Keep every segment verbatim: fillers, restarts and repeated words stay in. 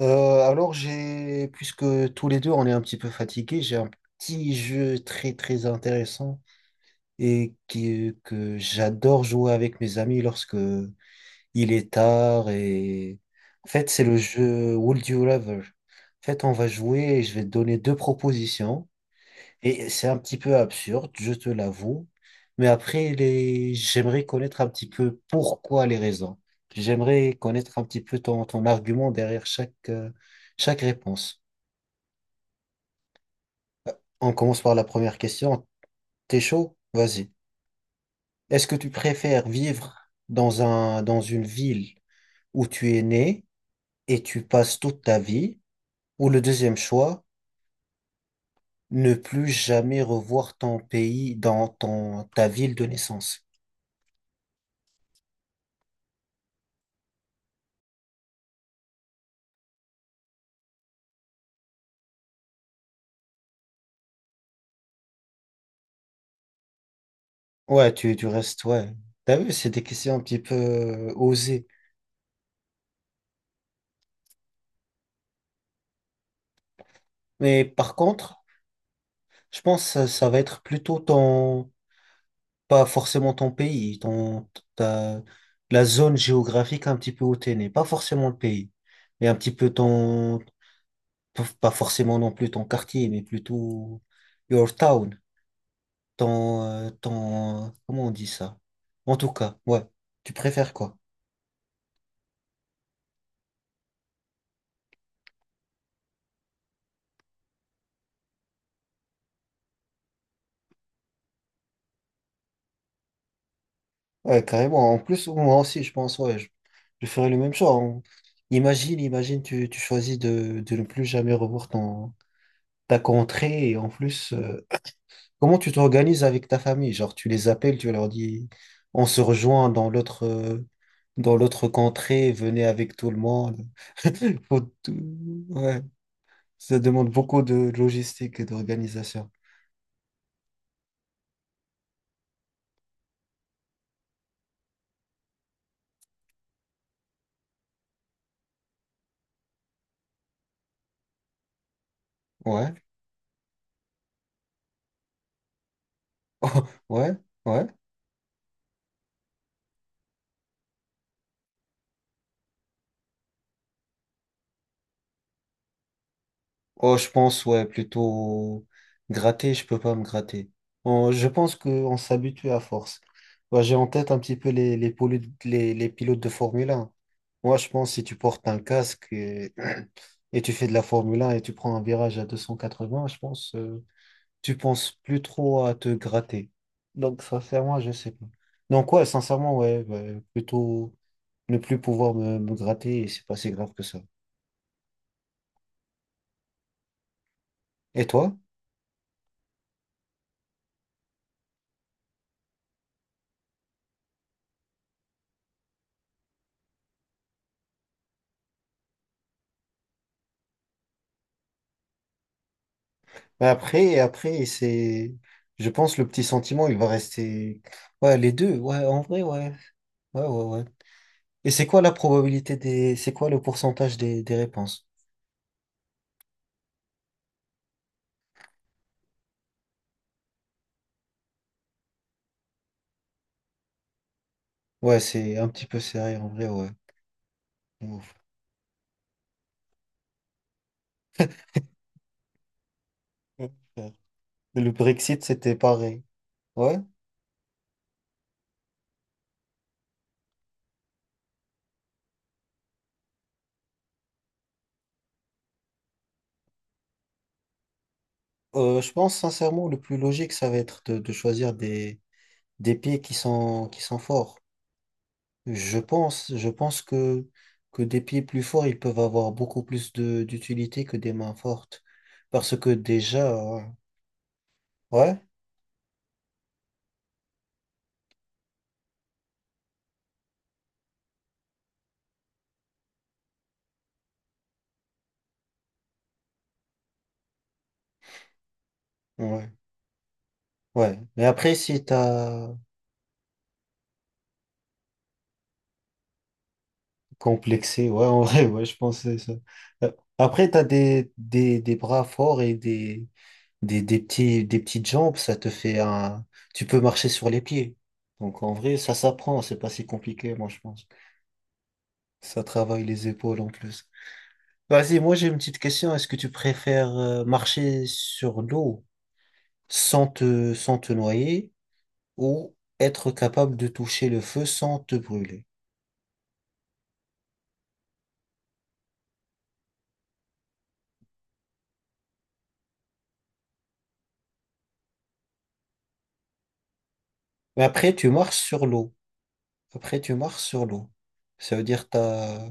Euh, alors j'ai, puisque tous les deux on est un petit peu fatigués, j'ai un petit jeu très très intéressant et qui, que j'adore jouer avec mes amis lorsque il est tard et en fait c'est le jeu Would You Rather. En fait on va jouer et je vais te donner deux propositions. Et c'est un petit peu absurde, je te l'avoue. Mais après, les... j'aimerais connaître un petit peu pourquoi les raisons. J'aimerais connaître un petit peu ton, ton argument derrière chaque, euh, chaque réponse. On commence par la première question. T'es chaud? Vas-y. Est-ce que tu préfères vivre dans un, dans une ville où tu es né et tu passes toute ta vie, ou le deuxième choix, ne plus jamais revoir ton pays dans ton, ta ville de naissance? Ouais, tu, tu restes, ouais. T'as vu, c'est des questions un petit peu euh, osées. Mais par contre, je pense que ça, ça va être plutôt ton, pas forcément ton pays, ton, ta, la zone géographique un petit peu où t'es né. Pas forcément le pays, mais un petit peu ton, pas forcément non plus ton quartier, mais plutôt your town, ton, euh, ton, comment on dit ça? En tout cas, ouais. Tu préfères quoi? Ouais, carrément. En plus, moi aussi, je pense, ouais, je, je ferais le même choix. On- Imagine, imagine, tu, tu choisis de, de ne plus jamais revoir ton, ta contrée. Et en plus, euh, comment tu t'organises avec ta famille? Genre, tu les appelles, tu leur dis, on se rejoint dans l'autre euh, dans l'autre contrée, venez avec tout le monde. Faut tout- Ouais, ça demande beaucoup de logistique et d'organisation. Ouais, ouais, ouais. Oh, je pense, ouais, plutôt gratter, je peux pas me gratter. On- je pense qu'on s'habitue à force. Ouais, j'ai en tête un petit peu les, les, polu- les, les pilotes de Formule un. Moi, je pense, si tu portes un casque et, et tu fais de la Formule un et tu prends un virage à deux cent quatre-vingts, je pense, euh, tu penses plus trop à te gratter. Donc, sincèrement, je sais pas. Donc, ouais, sincèrement, ouais, ouais, plutôt ne plus pouvoir me, me gratter et c'est pas si grave que ça. Et toi? Mais Après, après, c'est, je pense, le petit sentiment, il va rester. Ouais, les deux, ouais, en vrai, ouais. Ouais, ouais, ouais. Et c'est quoi la probabilité des. C'est quoi le pourcentage des, des réponses? Ouais, c'est un petit peu serré, en vrai, ouais. Ouf. Et Le Brexit, c'était pareil. Ouais. Euh, je pense, sincèrement, le plus logique, ça va être de, de choisir des, des pays qui sont, qui sont forts. Je pense, je pense que, que des pieds plus forts, ils peuvent avoir beaucoup plus de d'utilité que des mains fortes. Parce que déjà, ouais, ouais, ouais. Ouais. Mais après, si t'as complexé, ouais, en vrai, ouais, je pense que c'est ça. Euh, Après, t'as des, des, des bras forts et des, des, des petits, des petites jambes, ça te fait un, tu peux marcher sur les pieds. Donc, en vrai, ça s'apprend, c'est pas si compliqué, moi, je pense. Ça travaille les épaules en plus. Vas-y, moi j'ai une petite question. Est-ce que tu préfères euh, marcher sur l'eau sans te, sans te noyer ou être capable de toucher le feu sans te brûler? Mais après, tu marches sur l'eau. Après, tu marches sur l'eau. Ça veut dire t'as...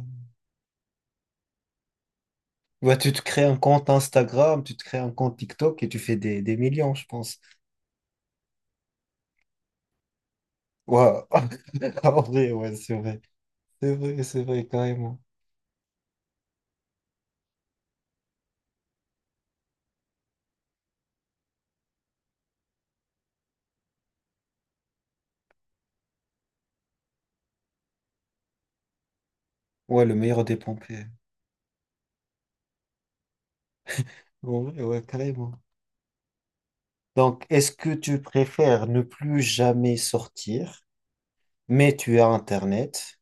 Bah, tu te crées un compte Instagram, tu te crées un compte TikTok et tu fais des, des millions, je pense. Ouais, En vrai, ouais, c'est vrai. C'est vrai, c'est vrai, carrément. Ouais, le meilleur des pompiers. En vrai, ouais, carrément. Donc, est-ce que tu préfères ne plus jamais sortir, mais tu as Internet,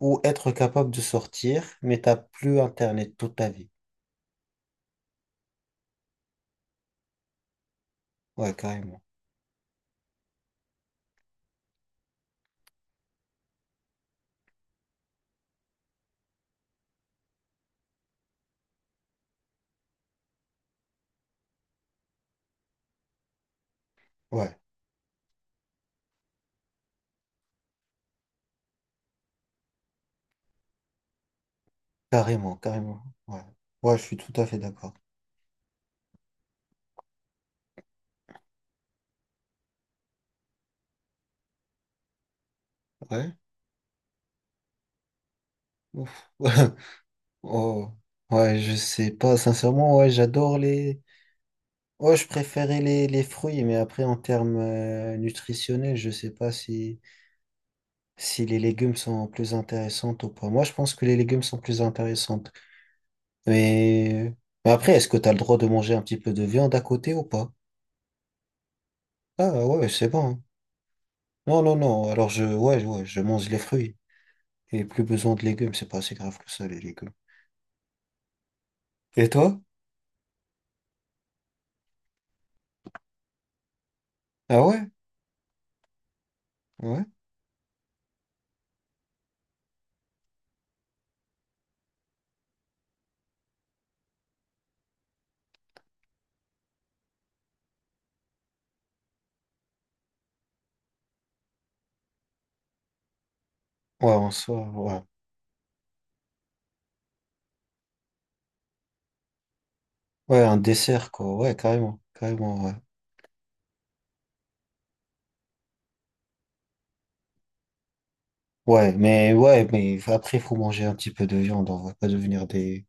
ou être capable de sortir, mais t'as plus Internet toute ta vie? Ouais, carrément. Ouais, carrément, carrément. Ouais, ouais, je suis tout à fait d'accord. Ouais. Ouf. Oh, ouais, je sais pas. Sincèrement, ouais, j'adore les. Ouais, je préférais les, les fruits, mais après, en termes euh, nutritionnels, je sais pas si, si les légumes sont plus intéressantes ou pas. Moi, je pense que les légumes sont plus intéressants. Mais, mais après, est-ce que tu as le droit de manger un petit peu de viande à côté ou pas? Ah ouais, c'est bon, hein. Non, non, non. Alors je, ouais, ouais, je mange les fruits. Et plus besoin de légumes, c'est pas assez grave que ça, les légumes. Et toi? Ah ouais? Ouais? Ouais, en soi, ouais. Ouais, un dessert, quoi. Ouais, carrément. Carrément, ouais. Ouais, mais ouais, mais après, il faut manger un petit peu de viande. On va pas devenir des.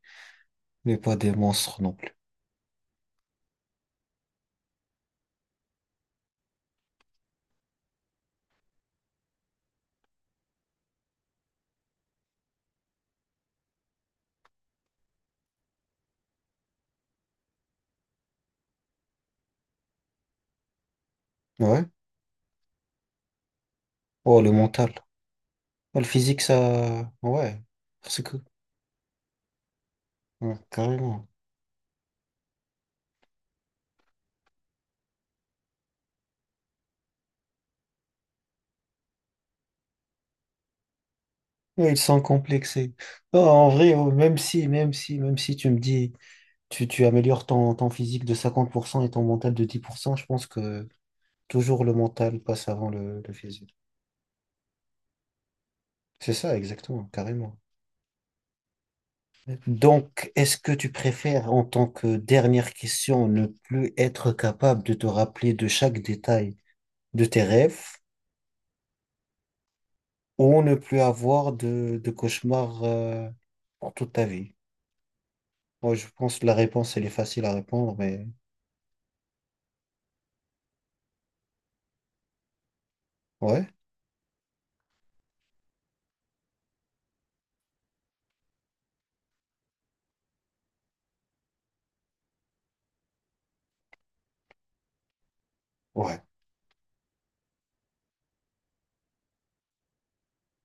Mais pas des monstres non plus. Ouais? Oh, le mental. Oh, le physique, ça. Ouais. C'est cool. Ouais, carrément. Ouais, ils sont complexés. Non, en vrai, oh, même si, même si, même si tu me dis, tu, tu améliores ton, ton physique de cinquante pour cent et ton mental de dix pour cent, je pense que toujours le mental passe avant le, le physique. C'est ça, exactement, carrément. Donc, est-ce que tu préfères, en tant que dernière question, ne plus être capable de te rappeler de chaque détail de tes rêves ou ne plus avoir de, de cauchemars, euh, pour toute ta vie? Moi, je pense que la réponse, elle est facile à répondre, mais ouais. Ouais.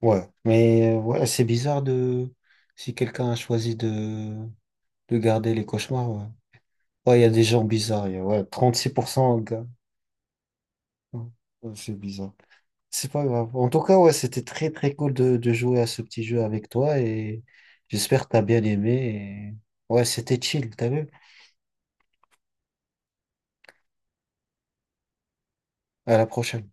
Ouais, mais euh, ouais, c'est bizarre de si quelqu'un a choisi de, de garder les cauchemars. Ouais, ouais, il y a des gens bizarres. il y a- Ouais, trente-six pour cent gars. Ouais, ouais, c'est bizarre. C'est pas grave. En tout cas, ouais, c'était très très cool de, de jouer à ce petit jeu avec toi et j'espère que t'as bien aimé. et- Ouais, c'était chill, t'as vu? À la prochaine.